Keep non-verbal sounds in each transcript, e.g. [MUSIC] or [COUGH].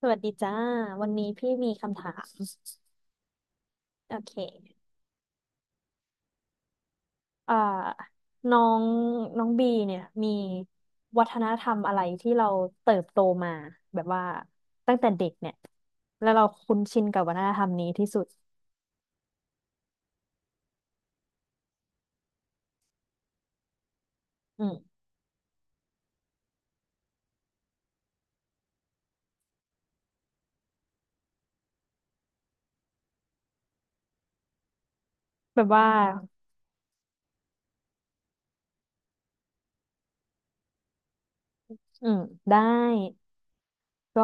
สวัสดีจ้าวันนี้พี่มีคำถามโอเคอ่าน้องน้องบีเนี่ยมีวัฒนธรรมอะไรที่เราเติบโตมาแบบว่าตั้งแต่เด็กเนี่ยแล้วเราคุ้นชินกับวัฒนธรรมนี้ที่สุดอืมแบบว่าอืมได้ก็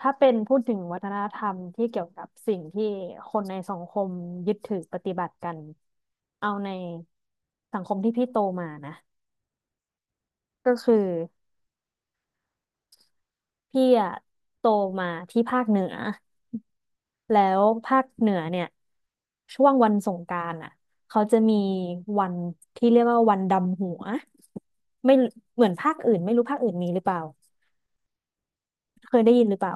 ถ้าเป็นพูดถึงวัฒนธรรมที่เกี่ยวกับสิ่งที่คนในสังคมยึดถือปฏิบัติกันเอาในสังคมที่พี่โตมานะก็คือ พี่อะโตมาที่ภาคเหนือแล้วภาคเหนือเนี่ยช่วงวันสงกรานต์อ่ะเขาจะมีวันที่เรียกว่าวันดำหัวไม่เหมือนภาคอื่นไม่รู้ภาคอื่นมีหรือเปล่าเคยได้ยินหรือเปล่า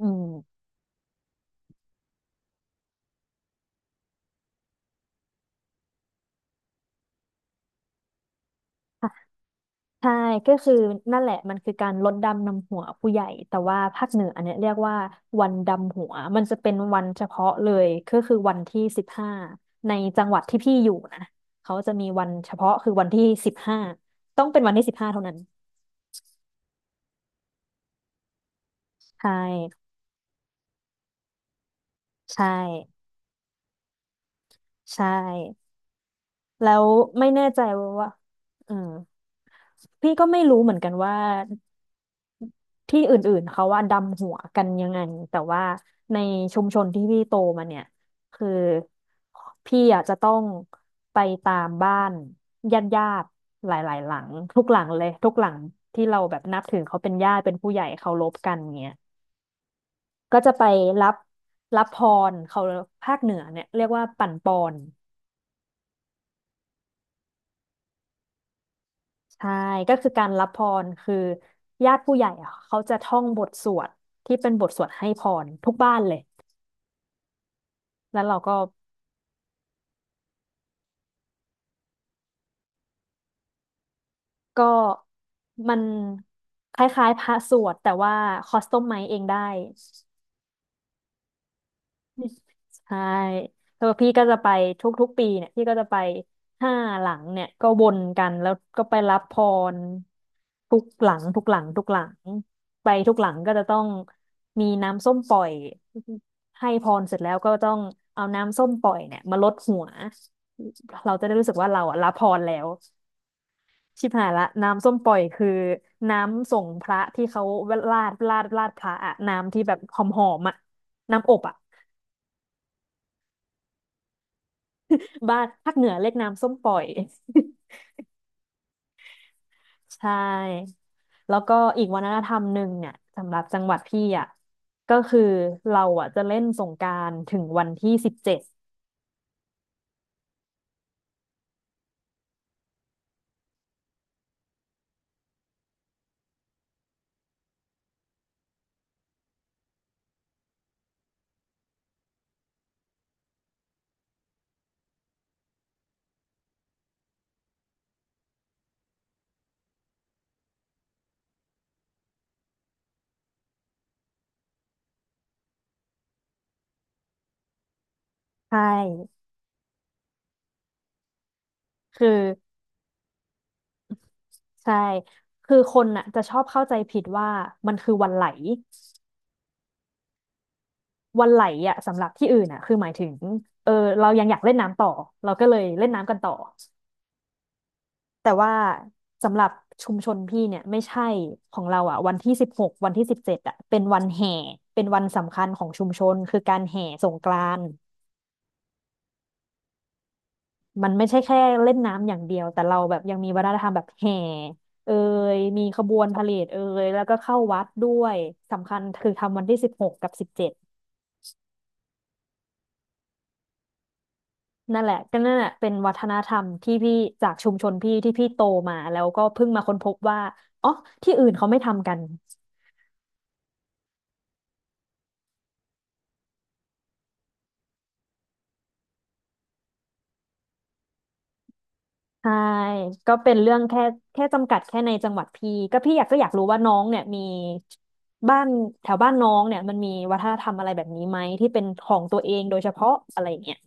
อืม ใช่ก็คือนั่นแหละมันคือการลดดำนำหัวผู้ใหญ่แต่ว่าภาคเหนืออันเนี้ยเรียกว่าวันดำหัวมันจะเป็นวันเฉพาะเลยก็คือวันที่สิบห้าในจังหวัดที่พี่อยู่นะเขาจะมีวันเฉพาะคือวันที่สิบห้าต้องเป็นวันที่สิบห้าเท่านั้นใช่ใช่ใช่แล้วไม่แน่ใจว่าเออพี่ก็ไม่รู้เหมือนกันว่า ที่อื่นๆเขาว่าดำหัวกันยังไงแต่ว่าในชุมชนที่พี่โตมาเนี่ยคือพี่อ่ะจะต้องไปตามบ้านญาติญาติหลายๆหลังทุกหลังเลยทุกหลังที่เราแบบนับถือเขาเป็นญาติเป็นผู้ใหญ่เคารพกันเนี่ยก็จะไปรับรับพรเขาภาคเหนือเนี่ยเรียกว่าปั่นปอนใช่ก็คือการรับพรคือญาติผู้ใหญ่อะเขาจะท่องบทสวดที่เป็นบทสวดให้พรทุกบ้านเลยแล้วเราก็ ก็มันคล้ายๆพระสวดแต่ว่าคอสตอมไมซ์เองได้ใช่แล้วพี่ก็จะไปทุกๆปีเนี่ยพี่ก็จะไป5 หลังเนี่ยก็วนกันแล้วก็ไปรับพรทุกหลังทุกหลังทุกหลังไปทุกหลังก็จะต้องมีน้ำส้มปล่อยให้พรเสร็จแล้วก็ต้องเอาน้ำส้มปล่อยเนี่ยมาลดหัวเราจะได้รู้สึกว่าเราอะรับพรแล้ว ชิบหายละน้ำส้มปล่อยคือน้ำส่งพระที่เขาราดพระอะน้ำที่แบบหอมหอมอะน้ำอบอะบ้านภาคเหนือเรียกน้ำส้มปล่อย [LAUGHS] ใช่แล้วก็อีกวัฒนธรรมหนึ่งเนี่ยสำหรับจังหวัดพี่อะก็คือเราอะจะเล่นสงกรานต์ถึงวันที่สิบเจ็ดใช่คือใช่คือคนน่ะจะชอบเข้าใจผิดว่ามันคือวันไหล วันไหลอ่ะสำหรับที่อื่นอ่ะคือหมายถึงเออเรายังอยากเล่นน้ำต่อเราก็เลยเล่นน้ำกันต่อแต่ว่าสำหรับชุมชนพี่เนี่ยไม่ใช่ของเราอ่ะวันที่ 16 วันที่ 17อ่ะเป็นวันแห่เป็นวันสำคัญของชุมชนคือการแห่สงกรานต์มันไม่ใช่แค่เล่นน้ำอย่างเดียวแต่เราแบบยังมีวัฒนธรรมแบบแห่เอยมีขบวนพาเหรดเอยแล้วก็เข้าวัดด้วยสำคัญคือทำวันที่ 16 กับ 17 นั่นแหละก็นั่นแหละเป็นวัฒนธรรมที่พี่จากชุมชนพี่ที่พี่โตมาแล้วก็เพิ่งมาค้นพบว่าอ๋อที่อื่นเขาไม่ทำกันใช่ก็เป็นเรื่องแค่แค่จำกัดแค่ในจังหวัดพี่ก็พี่อยากก็อยากรู้ว่าน้องเนี่ยมีบ้านแถวบ้านน้องเนี่ยมันมีวัฒนธรรมอะไรแบบนี้ไหมที่เป็นของตัวเองโดยเฉพาะอะไรอย่างเงี้ย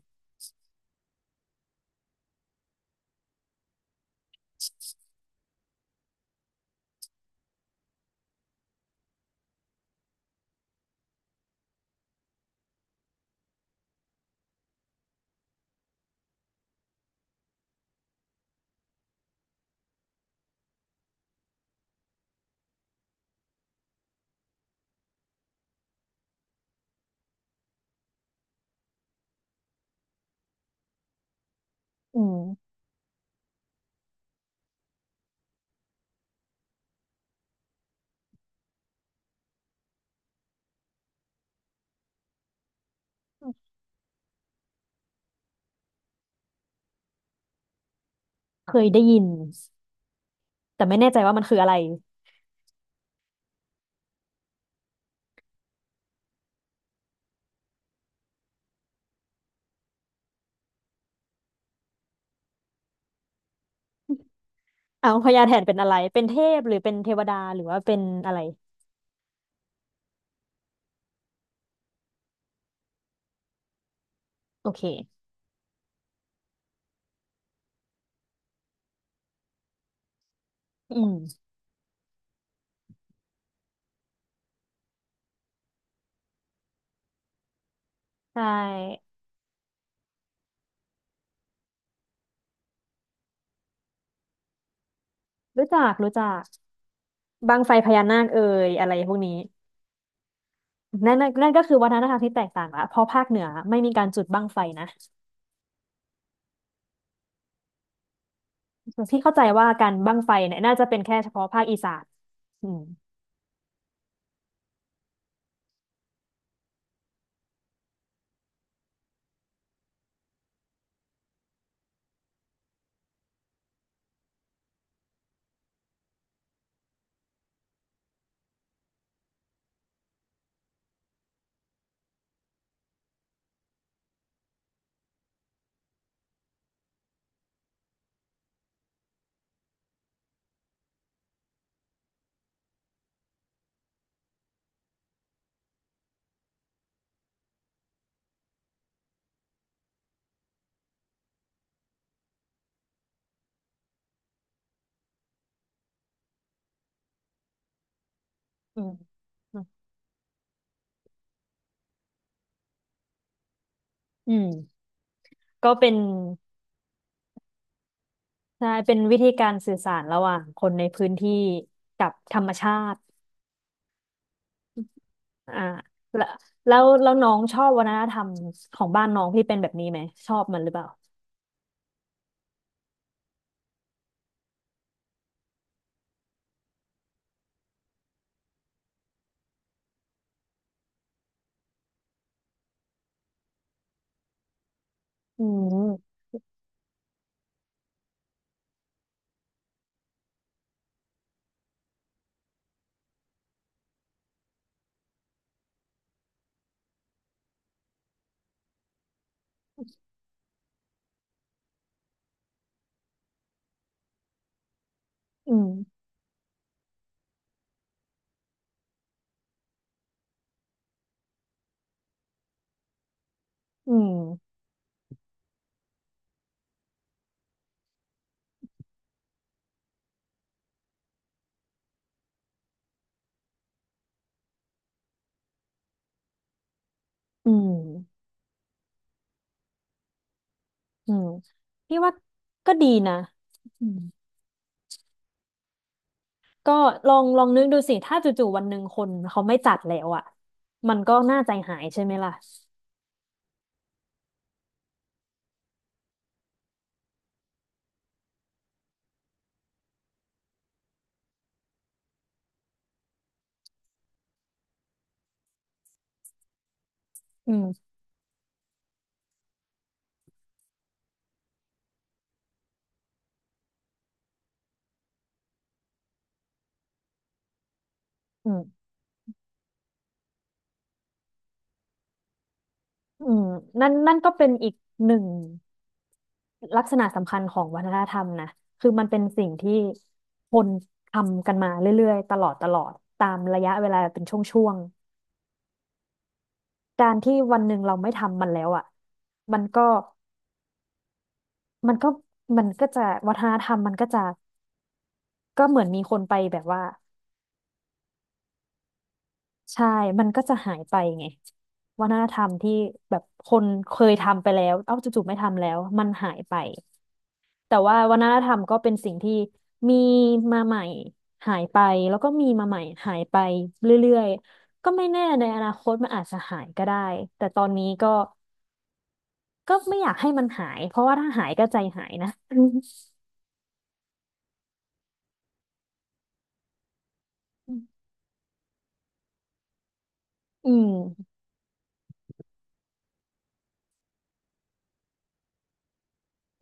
อืมเคยได้ยินแต่ไม่แน่ใจว่ามันคืออะไรเอาพญาแถนเป็นอะไรเป็นเทพหรือเป็นเทวดาหรือว่าเป็นอะไรโอเคอืมใช่ รู้จักรู้จักบั้งไฟพญานาคเอ่ยอะไรพวกนี้นั่นก็คือวัฒนธรรมที่แตกต่างละเพราะภาคเหนือไม่มีการจุดบั้งไฟนะพี่เข้าใจว่าการบั้งไฟเนี่ยน่าจะเป็นแค่เฉพาะภาคอีสานอืมอืมอืมก็เป็นใช่เป็นวิธีการสื่อสารระหว่างคนในพื้นที่กับธรรมชาติอ่าแล้วแล้วน้องชอบวัฒนธรรมของบ้านน้องที่เป็นแบบนี้ไหมชอบมันหรือเปล่าอืมอืมอืมอืม อืมพี่ว่าก็ดีนะอืมก็ลองลองนึกดูสิถ้าจู่ๆวันหนึ่งคนเขาไม่จัดแล้วอ่ะมันก็น่าใจหายใช่ไหมล่ะอืมอืมอืมนั่นก็เป็นอีกหนึ่งลักษณะสำคัญของวัฒนธรรมนะคือมันเป็นสิ่งที่คนทำกันมาเรื่อยๆตลอดตลอดตามระยะเวลาเป็นช่วงๆการที่วันหนึ่งเราไม่ทำมันแล้วอ่ะมันก็มันก็มันก็จะวัฒนธรรมมันก็จะก็เหมือนมีคนไปแบบว่า ใช่มันก็จะหายไปไงวัฒนธรรมที่แบบคนเคยทำไปแล้วเอ้าจู่ๆไม่ทำแล้วมันหายไปแต่ว่าวัฒนธรรมก็เป็นสิ่งที่มีมาใหม่หายไปแล้วก็มีมาใหม่หายไปเรื่อยๆก็ไม่แน่ในอนาคตมันอาจจะหายก็ได้แต่ตอนนี้ก็ไม่อยากให้มันหายเพราะว่าถ้าหายก็ใจหายนะ [LAUGHS] อืม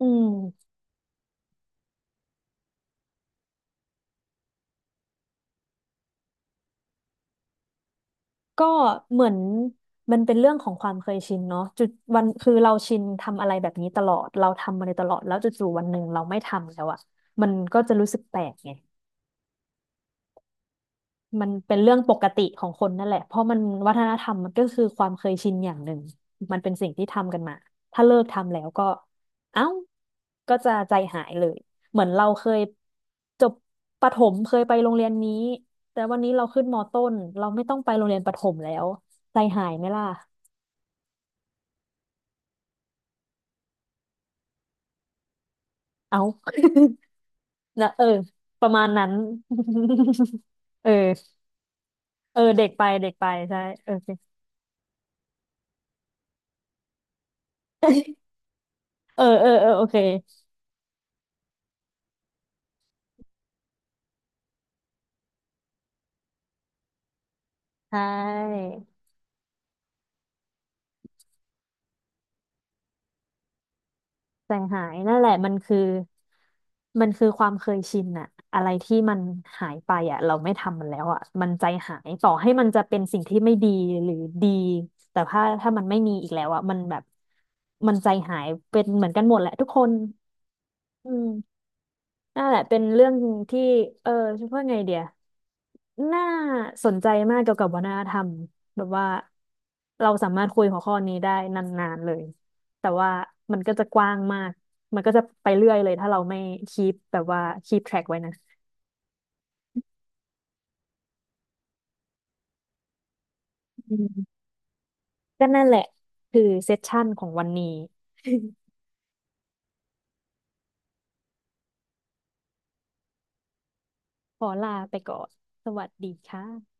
อืม ก็เหมือนมันเป็นเรื่องของความเคยชินเนาะจุดวันคือเราชินทำอะไรแบบนี้ตลอดเราทำมาโดยตลอดแล้วจู่ๆวันหนึ่งเราไม่ทำแล้วอ่ะมันก็จะรู้สึกแปลกไงมันเป็นเรื่องปกติของคนนั่นแหละเพราะมันวัฒนธรรมมันก็คือความเคยชินอย่างหนึ่งมันเป็นสิ่งที่ทำกันมาถ้าเลิกทำแล้วก็เอ้าก็จะใจหายเลยเหมือนเราเคยจบประถมเคยไปโรงเรียนนี้แต่วันนี้เราขึ้นมต้นเราไม่ต้องไปโรงเรียนประถมแล้วใจหายไหมล่ะ เอา [LAUGHS] นะเออประมาณนั้น [LAUGHS] เออเออเด็กไปเด็กไปใช่โอเค [LAUGHS] เออเออเออโอเคใช่แต่งหายนั่นแหละมันคือมันคือความเคยชินอะอะไรที่มันหายไปอะเราไม่ทำมันแล้วอะมันใจหายต่อให้มันจะเป็นสิ่งที่ไม่ดีหรือดีแต่ถ้ามันไม่มีอีกแล้วอะมันแบบมันใจหายเป็นเหมือนกันหมดแหละทุกคนอืม นั่นแหละเป็นเรื่องที่เออจะพูดไงเดียน่าสนใจมากเกี่ยวกับวัฒนธรรมแบบว่าเราสามารถคุยหัวข้อนี้ได้นานๆเลยแต่ว่ามันก็จะกว้างมากมันก็จะไปเรื่อยเลยถ้าเราไม่คีปแบบว่าคีปแทร็กไว้นะอืมก็นั่นแหละคือเซสชั่นของวันนี้ [LAUGHS] ขอลาไปก่อนสวัสดีค่ะ